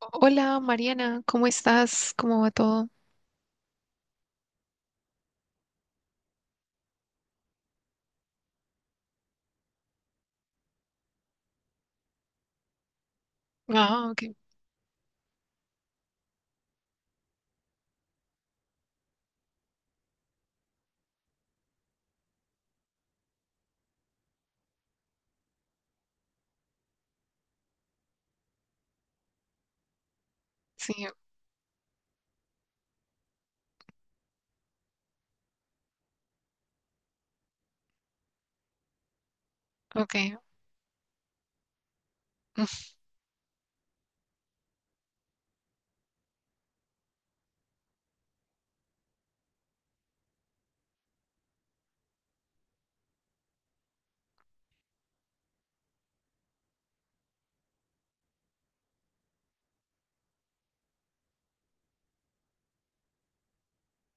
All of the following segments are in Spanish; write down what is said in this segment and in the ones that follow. Hola Mariana, ¿cómo estás? ¿Cómo va todo? Ah, ok, sí, ok,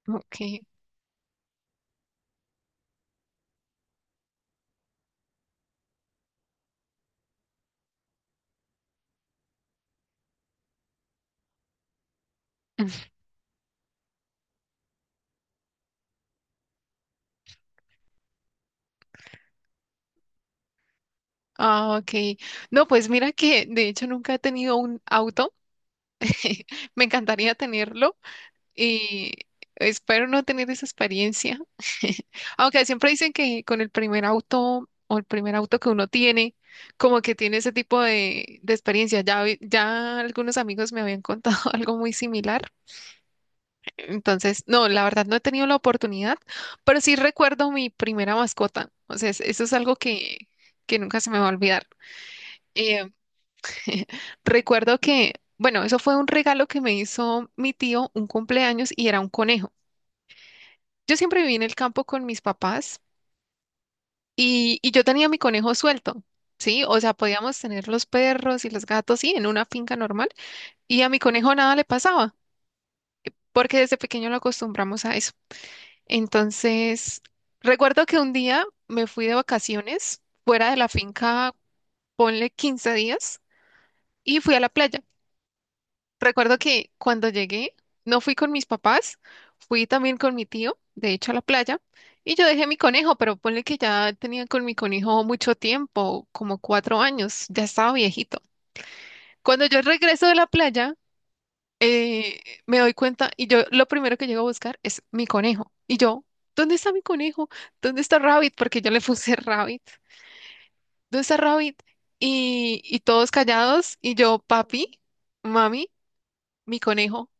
ok. Ah, ok. No, pues mira que de hecho nunca he tenido un auto. Me encantaría tenerlo y espero no tener esa experiencia. Aunque siempre dicen que con el primer auto o el primer auto que uno tiene, como que tiene ese tipo de experiencia. Ya, algunos amigos me habían contado algo muy similar. Entonces, no, la verdad no he tenido la oportunidad, pero sí recuerdo mi primera mascota. O sea, eso es algo que nunca se me va a olvidar. Eh, recuerdo que, bueno, eso fue un regalo que me hizo mi tío un cumpleaños y era un conejo. Yo siempre viví en el campo con mis papás y yo tenía mi conejo suelto, ¿sí? O sea, podíamos tener los perros y los gatos, sí, en una finca normal y a mi conejo nada le pasaba porque desde pequeño lo acostumbramos a eso. Entonces, recuerdo que un día me fui de vacaciones fuera de la finca, ponle 15 días, y fui a la playa. Recuerdo que cuando llegué, no fui con mis papás, fui también con mi tío, de hecho, a la playa, y yo dejé mi conejo, pero ponle que ya tenía con mi conejo mucho tiempo, como 4 años, ya estaba viejito. Cuando yo regreso de la playa, eh, me doy cuenta y yo lo primero que llego a buscar es mi conejo. Y yo, ¿dónde está mi conejo? ¿Dónde está Rabbit? Porque yo le puse Rabbit. ¿Dónde está Rabbit? Y todos callados y yo, papi, mami, mi conejo.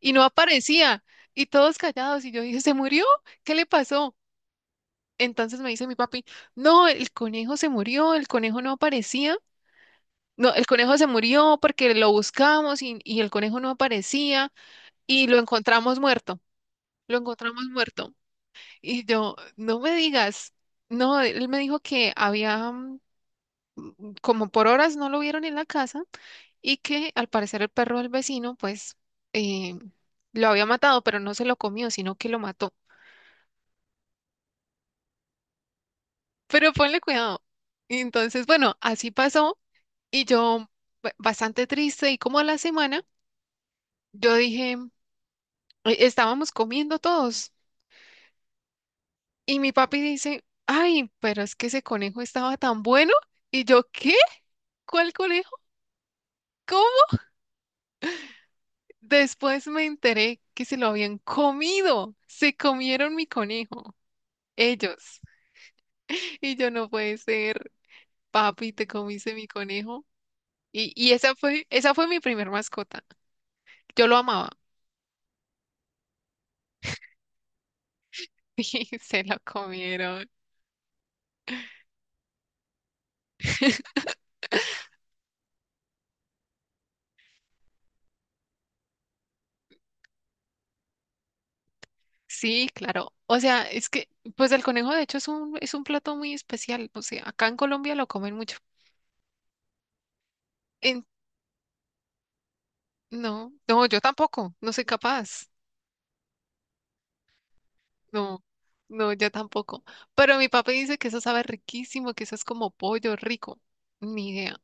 Y no aparecía. Y todos callados y yo dije, ¿se murió? ¿Qué le pasó? Entonces me dice mi papi, no, el conejo se murió, el conejo no aparecía. No, el conejo se murió porque lo buscamos y el conejo no aparecía y lo encontramos muerto. Lo encontramos muerto. Y yo, no me digas, no, él me dijo que había, como por horas no lo vieron en la casa y que al parecer el perro del vecino, pues, eh, lo había matado, pero no se lo comió, sino que lo mató. Pero ponle cuidado. Y entonces, bueno, así pasó y yo, bastante triste y como a la semana, yo dije, estábamos comiendo todos y mi papi dice, ay, pero es que ese conejo estaba tan bueno. Y yo, ¿qué? ¿Cuál conejo? Cómo Después me enteré que se lo habían comido. Se comieron mi conejo, ellos. Y yo no puede ser, papi, te comiste mi conejo. Y esa fue mi primer mascota. Yo lo amaba y se lo comieron. Sí, claro. O sea, es que, pues el conejo de hecho es un, plato muy especial. O sea, acá en Colombia lo comen mucho. En- no, no, yo tampoco, no soy capaz. No, no, yo tampoco. Pero mi papá dice que eso sabe riquísimo, que eso es como pollo rico. Ni idea.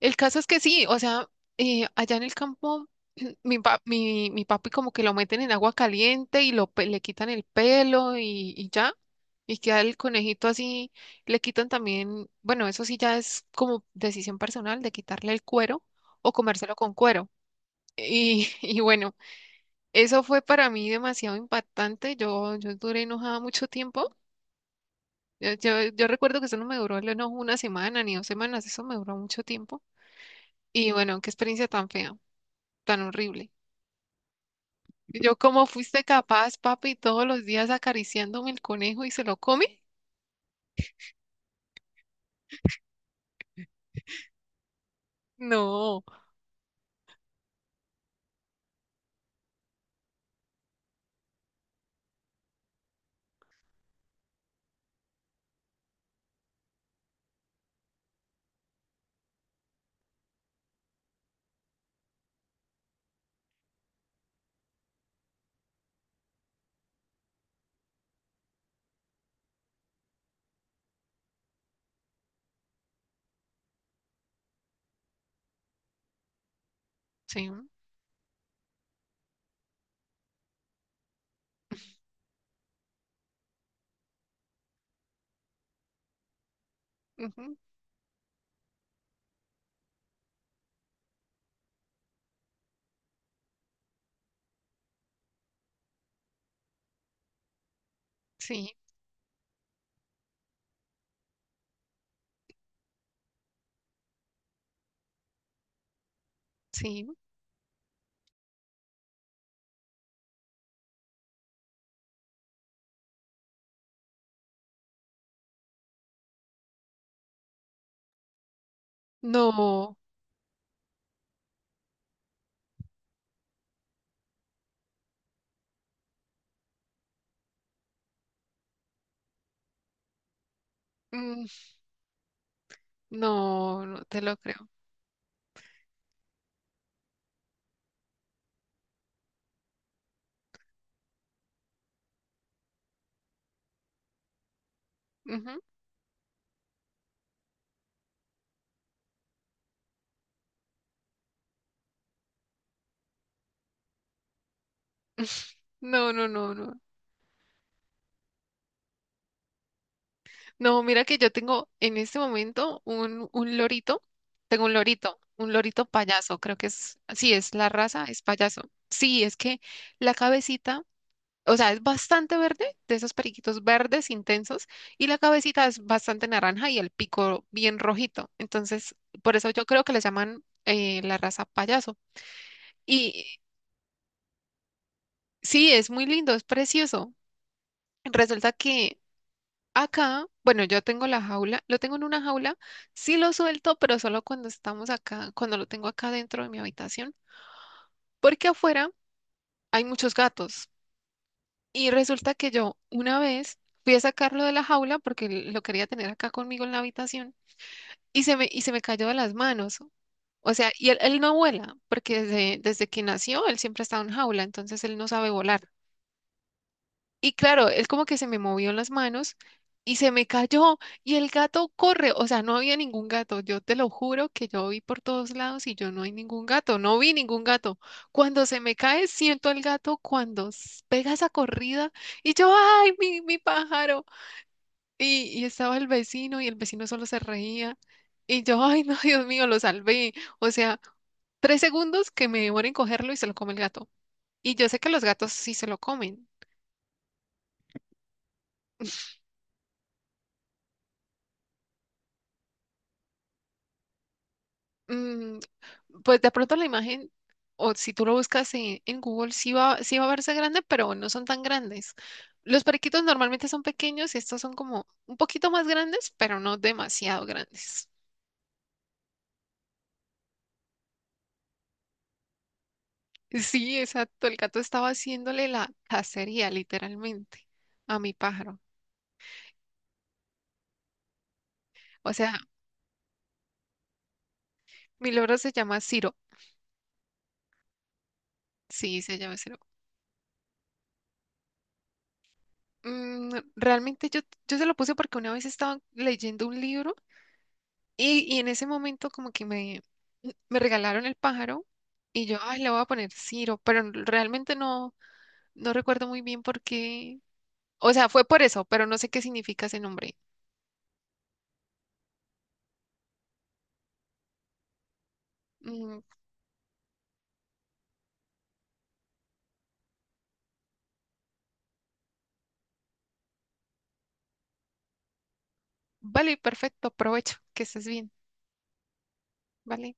El caso es que sí, o sea, allá en el campo, mi papi como que lo meten en agua caliente y le quitan el pelo y ya. Y queda el conejito así, le quitan también, bueno, eso sí ya es como decisión personal de quitarle el cuero o comérselo con cuero. Y, y bueno, eso fue para mí demasiado impactante. Yo duré enojada mucho tiempo yo recuerdo que eso no me duró no una semana ni 2 semanas, eso me duró mucho tiempo. Y bueno, qué experiencia tan fea, tan horrible. Yo, ¿cómo fuiste capaz, papi, todos los días acariciándome el conejo y se lo come? No. Sí, ujú, sí, sí. No, mm, no, no te lo creo. Ujú. No, no, no, no. No, mira que yo tengo en este momento un lorito, tengo un lorito payaso, creo que es, sí, es la raza, es payaso. Sí, es que la cabecita, o sea, es bastante verde, de esos periquitos verdes intensos, y la cabecita es bastante naranja y el pico bien rojito. Entonces, por eso yo creo que le llaman la raza payaso. Y sí, es muy lindo, es precioso. Resulta que Acá, bueno, yo tengo la jaula, lo tengo en una jaula, sí lo suelto, pero solo cuando estamos acá, cuando lo tengo acá dentro de mi habitación, porque afuera hay muchos gatos. Y resulta que yo una vez fui a sacarlo de la jaula porque lo quería tener acá conmigo en la habitación y se me cayó de las manos. O sea, y él no vuela, porque desde que nació él siempre ha estado en jaula, entonces él no sabe volar. Y claro, él como que se me movió en las manos y se me cayó y el gato corre, o sea, no había ningún gato, yo te lo juro que yo vi por todos lados y yo no hay ningún gato, no vi ningún gato. Cuando se me cae, siento al gato cuando pega esa corrida y yo, ay, mi pájaro. Y estaba el vecino y el vecino solo se reía y yo, ay, no, Dios mío, lo salvé. O sea, 3 segundos que me demora en cogerlo y se lo come el gato. Y yo sé que los gatos sí se lo comen. Mm, pues de pronto la imagen, o si tú lo buscas en, Google, sí va a verse grande, pero no son tan grandes. Los periquitos normalmente son pequeños y estos son como un poquito más grandes, pero no demasiado grandes. Sí, exacto. El gato estaba haciéndole la cacería, literalmente, a mi pájaro. O sea, mi loro se llama Ciro. Sí, se llama Ciro. Mm, realmente yo se lo puse porque una vez estaba leyendo un libro y en ese momento como que me regalaron el pájaro y yo, ay, le voy a poner Ciro, pero realmente no recuerdo muy bien por qué. O sea, fue por eso, pero no sé qué significa ese nombre. Mm, vale, perfecto, aprovecho, que estés bien. Vale.